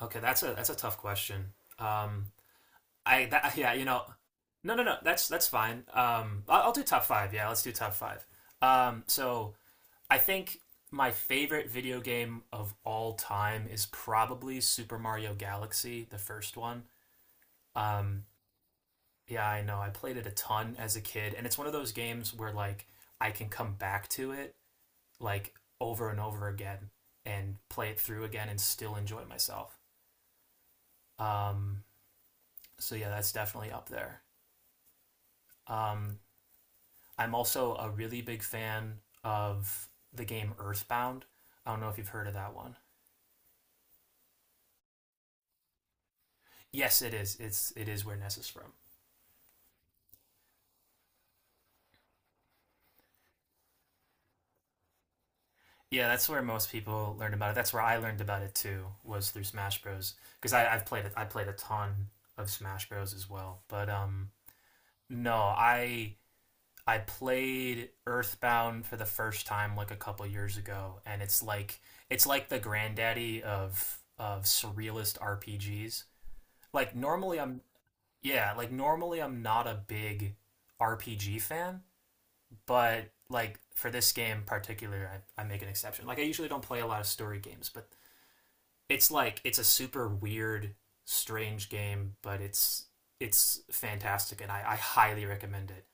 Okay, that's a tough question. Um, I that, yeah, you know, no, no, no, that's fine. I'll do top five. Yeah, let's do top five. So I think my favorite video game of all time is probably Super Mario Galaxy, the first one. Um, yeah, I know. I played it a ton as a kid, and it's one of those games where I can come back to it, like over and over again, and play it through again and still enjoy myself. Um, so yeah, that's definitely up there. Um, I'm also a really big fan of the game Earthbound. I don't know if you've heard of that one. Yes, it is. It is where Ness is from. Yeah, that's where most people learned about it. That's where I learned about it too, was through Smash Bros. Because I I've played it. I played a ton of Smash Bros. As well. But no, I played Earthbound for the first time like a couple years ago, and it's like the granddaddy of surrealist RPGs. Like normally, I'm Yeah, like normally I'm not a big RPG fan, but like for this game in particular, I make an exception. Like I usually don't play a lot of story games, but it's like it's a super weird, strange game, but it's fantastic, and I highly recommend it.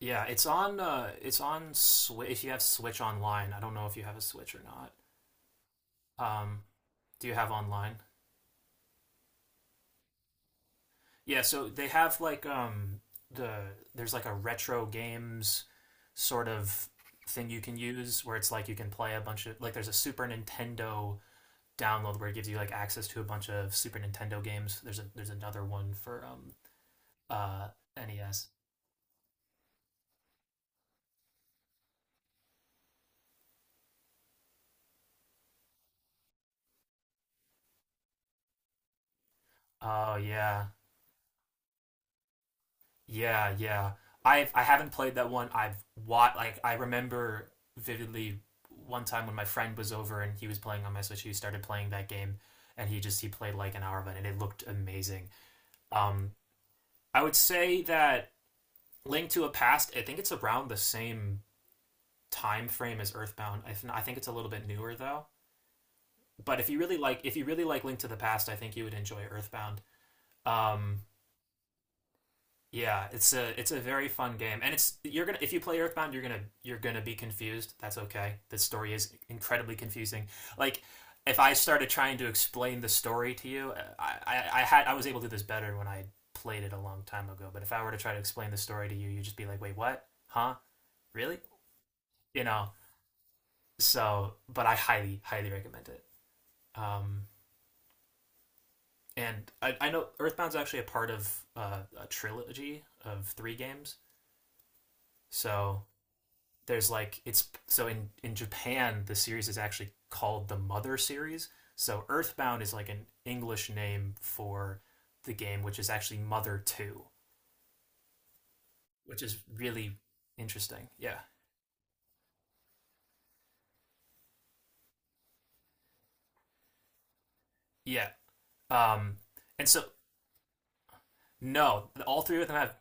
Yeah, it's on Switch. If you have Switch online, I don't know if you have a Switch or not. Um, do you have online? Yeah, so they have like the there's like a retro games sort of thing you can use where it's like you can play a bunch of like there's a Super Nintendo download where it gives you like access to a bunch of Super Nintendo games. There's another one for uh NES. Oh yeah. Yeah, yeah. I haven't played that one. I've watched like I remember vividly one time when my friend was over and he was playing on my Switch. He started playing that game and he played like an hour of it and it looked amazing. Um, I would say that Link to a Past, I think it's around the same time frame as Earthbound. I think it's a little bit newer though. But if you really like if you really like Link to the Past, I think you would enjoy Earthbound. Um, Yeah, it's a very fun game, and it's you're gonna if you play Earthbound, you're gonna be confused. That's okay. The story is incredibly confusing. Like if I started trying to explain the story to you, I had I was able to do this better when I played it a long time ago. But if I were to try to explain the story to you, you'd just be like, "Wait, what? Huh? Really?" You know. So, but I highly highly recommend it. Um, and I know Earthbound's actually a part of a trilogy of three games. So there's like it's so in Japan the series is actually called the Mother series. So Earthbound is like an English name for the game, which is actually Mother Two, which is really interesting. Yeah, yeah. Um, and so No,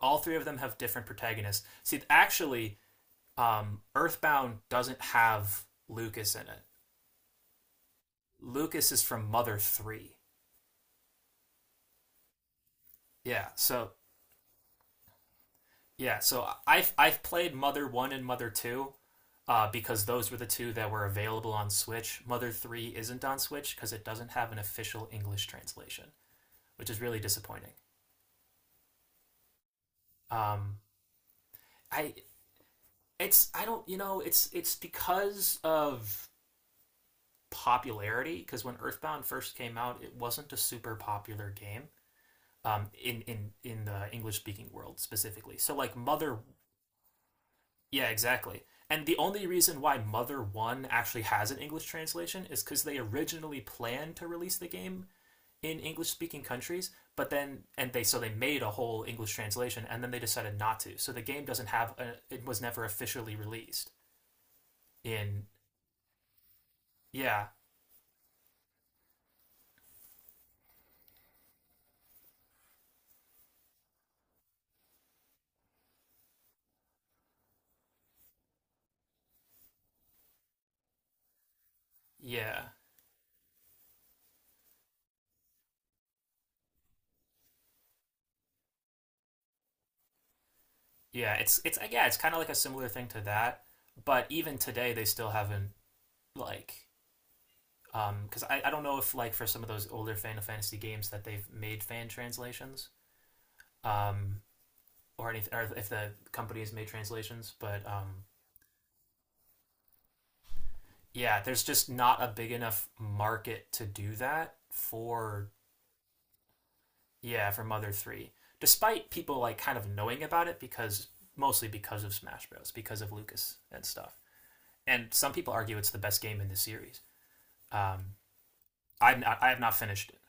all three of them have different protagonists. See, actually, Earthbound doesn't have Lucas in it. Lucas is from Mother Three. Yeah. So yeah. So I've played Mother One and Mother Two, because those were the two that were available on Switch. Mother 3 isn't on Switch because it doesn't have an official English translation, which is really disappointing. Um, I It's I don't you know it's because of popularity because when Earthbound first came out, it wasn't a super popular game, in the English speaking world specifically. So like Mother, yeah, exactly. And the only reason why Mother 1 actually has an English translation is because they originally planned to release the game in English speaking countries, but then and they so they made a whole English translation and then they decided not to. So the game doesn't have a, it was never officially released in yeah, yeah. Yeah, it's Yeah, it's kind of like a similar thing to that, but even today they still haven't like cuz I don't know if like for some of those older Final Fantasy games that they've made fan translations, um or anything, or if the company has made translations, but yeah, there's just not a big enough market to do that for yeah, for Mother 3. Despite people like kind of knowing about it because mostly because of Smash Bros, because of Lucas and stuff. And some people argue it's the best game in the series. Um I've not, I have not finished it.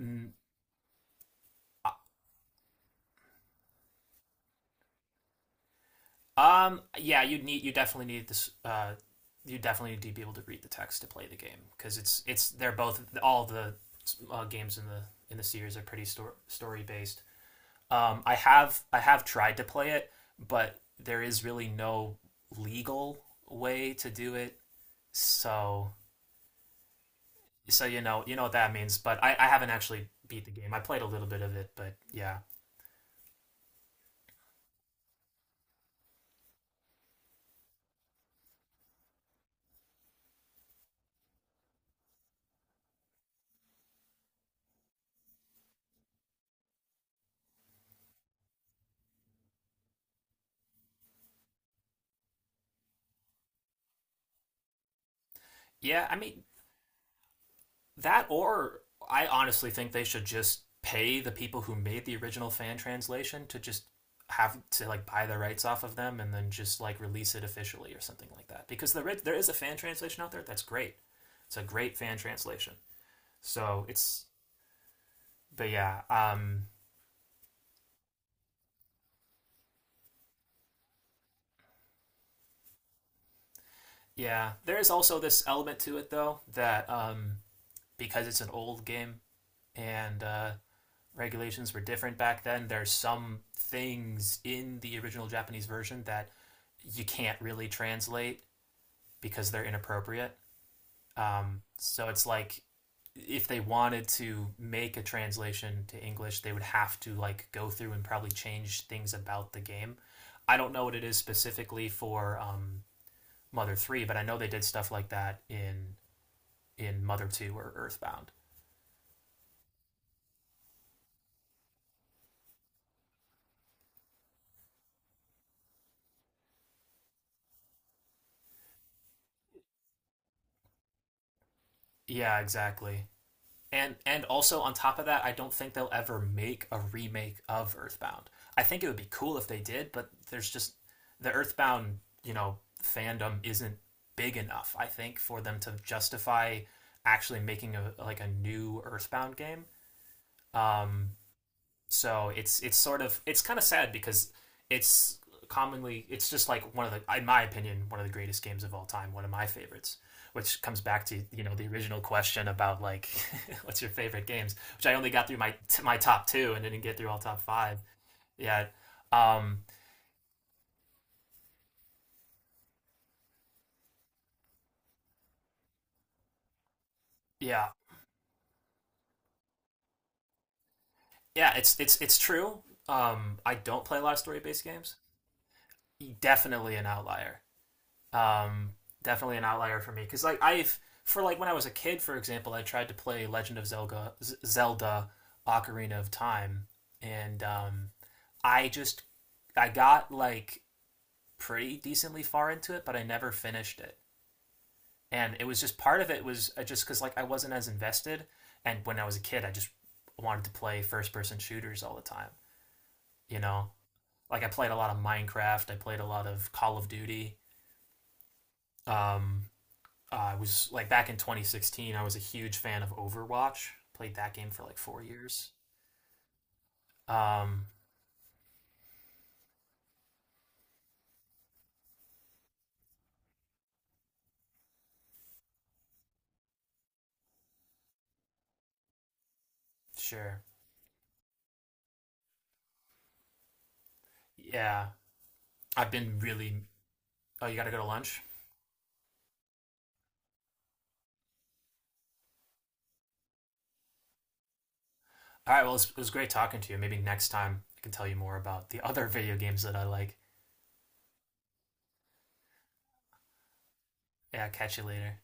Mm, uh, yeah, you need you definitely need this you definitely need to be able to read the text to play the game because it's they're both all the games in the series are pretty story story based. I have tried to play it, but there is really no legal way to do it. So so you know what that means. But I haven't actually beat the game. I played a little bit of it, but yeah, yeah. I mean that, or I honestly think they should just pay the people who made the original fan translation to just have to like buy the rights off of them and then just like release it officially or something like that. Because there is a fan translation out there that's great. It's a great fan translation. So it's But yeah, um, yeah, there is also this element to it though that, because it's an old game and, regulations were different back then, there's some things in the original Japanese version that you can't really translate because they're inappropriate. So it's like if they wanted to make a translation to English, they would have to like go through and probably change things about the game. I don't know what it is specifically for, Mother Three, but I know they did stuff like that in Mother Two or Earthbound. Yeah, exactly. And also on top of that, I don't think they'll ever make a remake of Earthbound. I think it would be cool if they did, but there's just the Earthbound, you know, fandom isn't big enough. I think for them to justify actually making a like a new Earthbound game. Um, So it's sort of it's kind of sad because it's commonly it's just like one of the in my opinion one of the greatest games of all time, one of my favorites. Which comes back to you know the original question about like what's your favorite games, which I only got through my top two and didn't get through all top five. Yeah, um, yeah, yeah. It's true. I don't play a lot of story based games. Definitely an outlier. Um, Definitely an outlier for me because like I've for like when I was a kid, for example, I tried to play Legend of Zelda, Zelda Ocarina of Time, and, I just I got like pretty decently far into it, but I never finished it. And it was just part of it was, just because like I wasn't as invested, and when I was a kid, I just wanted to play first person shooters all the time. You know, like I played a lot of Minecraft, I played a lot of Call of Duty, um, I was like back in 2016. I was a huge fan of Overwatch. Played that game for like 4 years. Um, sure. Yeah, I've been really. Oh, you got to go to lunch. All right. Well, it was great talking to you. Maybe next time I can tell you more about the other video games that I like. Yeah. Catch you later.